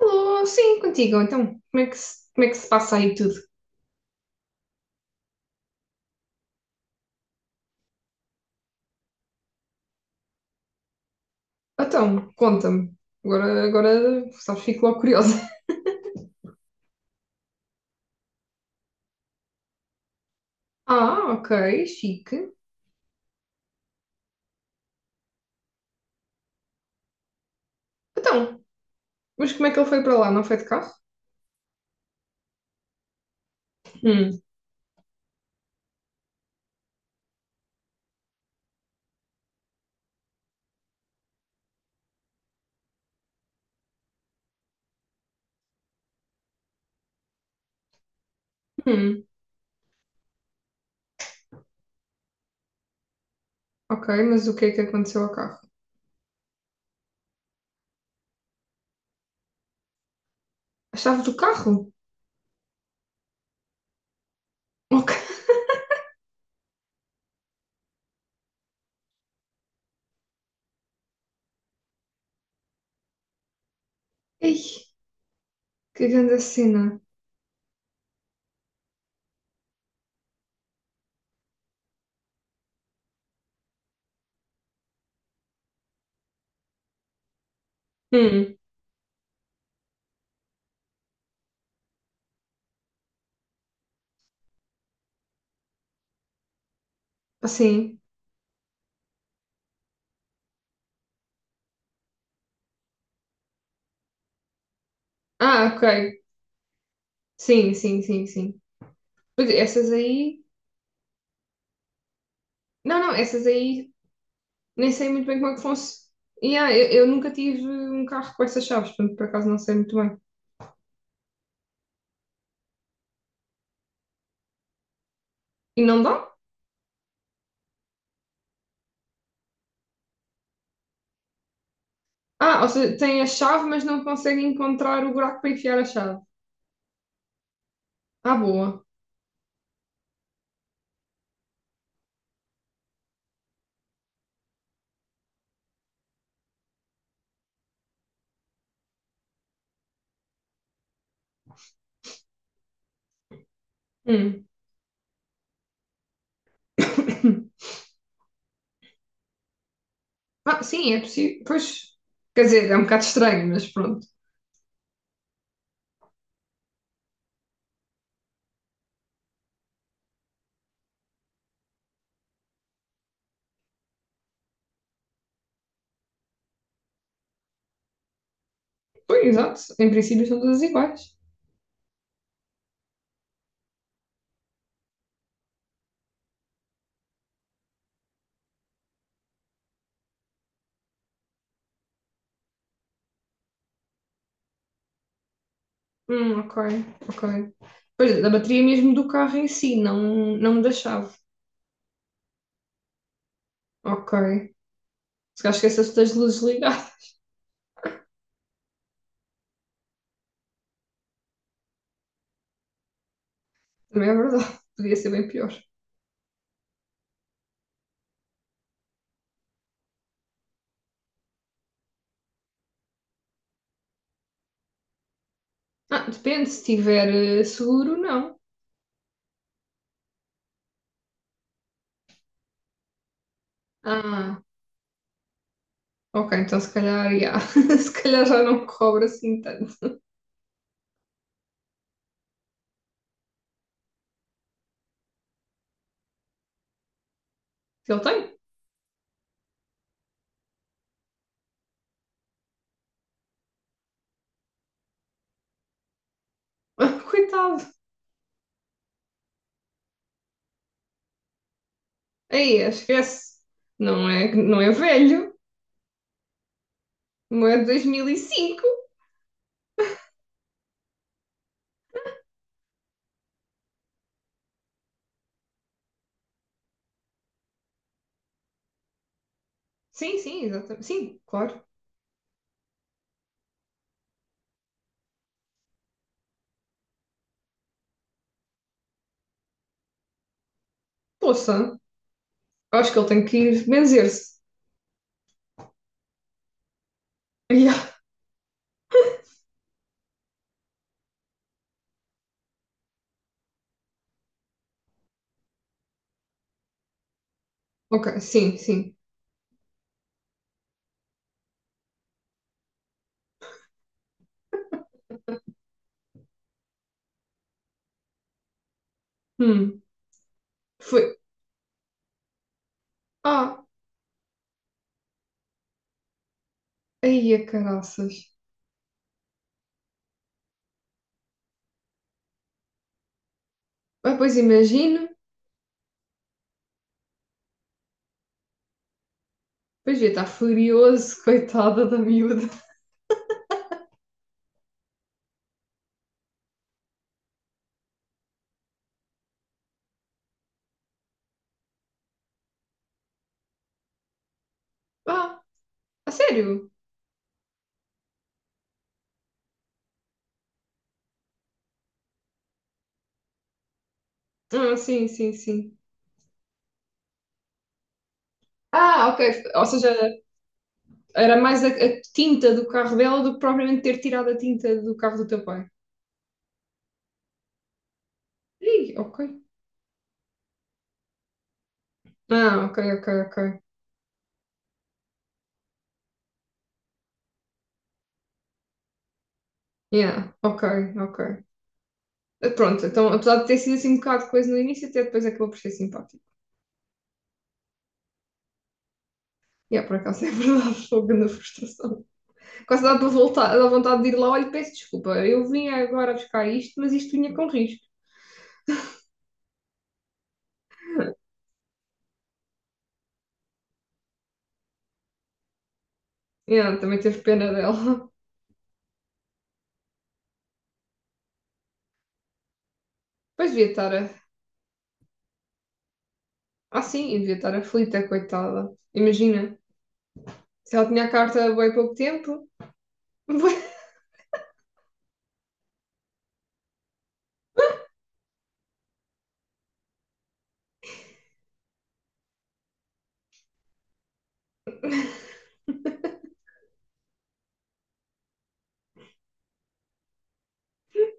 Alô, sim, contigo. Então, como é que se passa aí tudo? Então, conta-me. Agora, sabes, fico logo curiosa. Ah, ok, chique. Então, mas como é que ele foi para lá? Não foi de carro? Hum, hum, ok, mas o que é que aconteceu ao carro? A chave do carro? Ok. Ei, que grande cena. Hum, assim. Ah, ok. Sim, sim, sim, sim. Mas essas aí. Não, não, essas aí nem sei muito bem como é que funciona. Yeah, eu nunca tive um carro com essas chaves, portanto, por acaso não sei muito bem. E não dá? Ah, ou seja, tem a chave, mas não consegue encontrar o buraco para enfiar a chave. Ah, boa. Hum. Ah, sim, é possível. Pois, quer dizer, é um bocado estranho, mas pronto. Pois, exato. Em princípio são todas iguais. Ok, ok. Pois, da bateria mesmo do carro em si, não, não da chave. Ok. Se calhar esquecesse das luzes ligadas. Também é verdade. Podia ser bem pior. Ah, depende, se tiver seguro, não. Ah, ok, então se calhar, já. Se calhar já não cobra assim tanto. Ele tem? Coitado. Aí, esquece. Não é, não é velho, não é de 2005. Sim, sim, exatamente. Sim, claro. Poça, acho que ele tem que ir benzer-se. Ya. Ok, sim, sim. Hum, foi. Ah, aí a caraças. Ah, pois imagino. Pois devia estar furioso, coitada da miúda. Ah, a sério? Ah, sim, sim, sim. Ah, ok. Ou seja, era mais a tinta do carro dela do que propriamente ter tirado a tinta do carro do teu pai. Ih, ok. Ah, ok, ok, ok. Yeah, ok, ok. Pronto, então, apesar de ter sido assim um bocado de coisa no início, até depois acabou por ser simpático. Yeah, por acaso é verdade, foi uma grande frustração. Quase dá para voltar, dá vontade de ir lá, olha, peço desculpa, eu vim agora buscar isto, mas isto vinha com risco. Yeah, também teve pena dela. Pois devia estar a... Ah, sim, devia estar aflita, coitada. Imagina. Se ela tinha a carta há bem pouco tempo,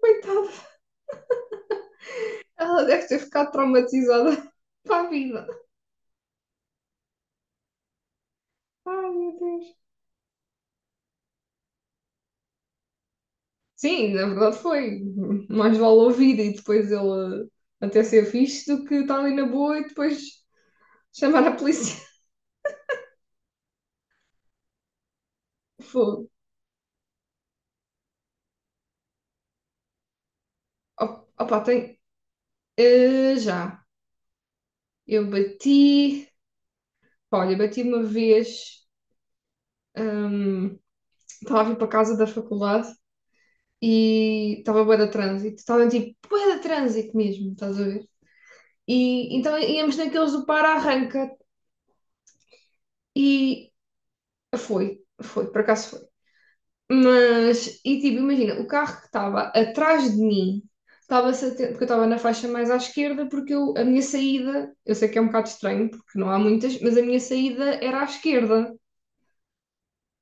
coitada, ela deve ter ficado traumatizada para a vida. Ai, meu Deus. Sim, na verdade foi. Mais vale ouvir e depois ele até ser fixe do que estar ali na boa e depois chamar a polícia. Fogo. Opa, tem. Eh, já. Eu bati. Olha, bati uma vez. hum, Estava a vir para casa da faculdade e estava bué de trânsito. Estava tipo bué de trânsito mesmo, estás a ver? E então íamos naqueles do para-arranca e foi, foi, por acaso foi. Mas, e tipo, imagina, o carro que estava atrás de mim, porque eu estava na faixa mais à esquerda, porque eu, a minha saída, eu sei que é um bocado estranho, porque não há muitas, mas a minha saída era à esquerda,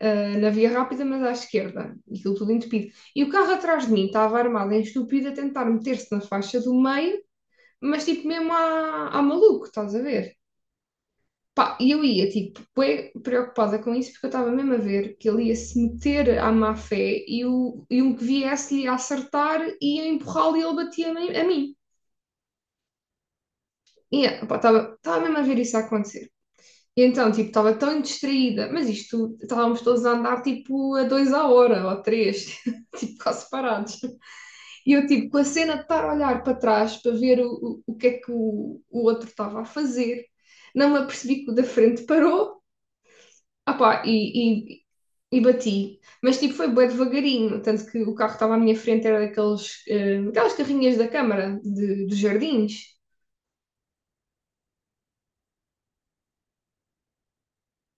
ah, na via rápida, mas à esquerda, e aquilo tudo entupido. E o carro atrás de mim estava armado em estúpido a tentar meter-se na faixa do meio, mas tipo mesmo à, à maluco, estás a ver? Pá, e eu ia, tipo, bué preocupada com isso, porque eu estava mesmo a ver que ele ia se meter à má fé e, o, e um que viesse-lhe a acertar ia empurrá-lo e ele batia-me a mim. E estava mesmo a ver isso a acontecer. E então, tipo, estava tão distraída, mas isto, estávamos todos a andar, tipo, a dois à hora, ou a três, tipo, quase parados. E eu, tipo, com a cena de estar a olhar para trás para ver o que é que o outro estava a fazer, não me apercebi que o da frente parou. Ah pá, e, e bati. Mas tipo, foi bem devagarinho. Tanto que o carro que estava à minha frente era daqueles, aquelas carrinhas da Câmara de, dos Jardins.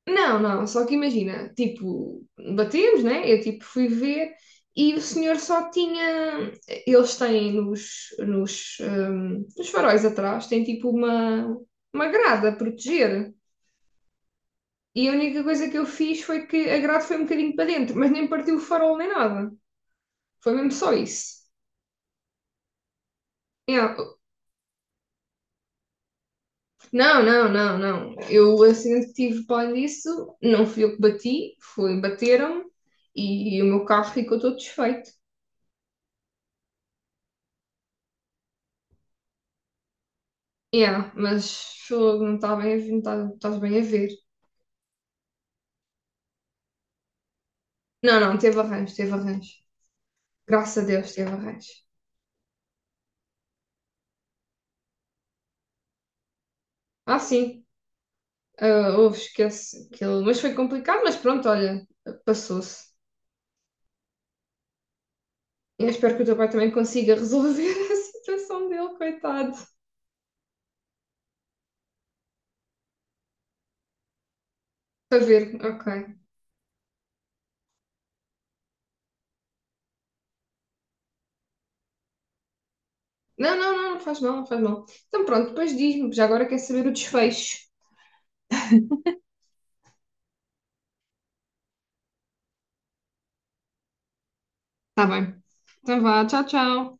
Não, não, só que imagina, tipo, batemos, né? Eu tipo fui ver e o senhor só tinha. Eles têm nos, nos, nos faróis atrás, têm tipo uma grade a proteger. E a única coisa que eu fiz foi que a grade foi um bocadinho para dentro, mas nem partiu o farol nem nada. Foi mesmo só isso. É. Não, não, não, não. Eu, assim, o acidente que tive para além disso, não fui eu que bati, foi, bateram-me e o meu carro ficou todo desfeito. Yeah, mas fogo, não está bem a ver, não estás bem a ver. Não, não, teve arranjo, teve arranjo. Graças a Deus teve arranjo. Ah, sim, ah, houve, esquece. Aquilo. Mas foi complicado, mas pronto, olha, passou-se. E eu espero que o teu pai também consiga resolver a situação dele, coitado. Para ver, ok. Não, não, não, não faz mal, não faz mal. Então pronto, depois diz-me, já agora quero saber o desfecho. Tá bem. Então vá, tchau, tchau.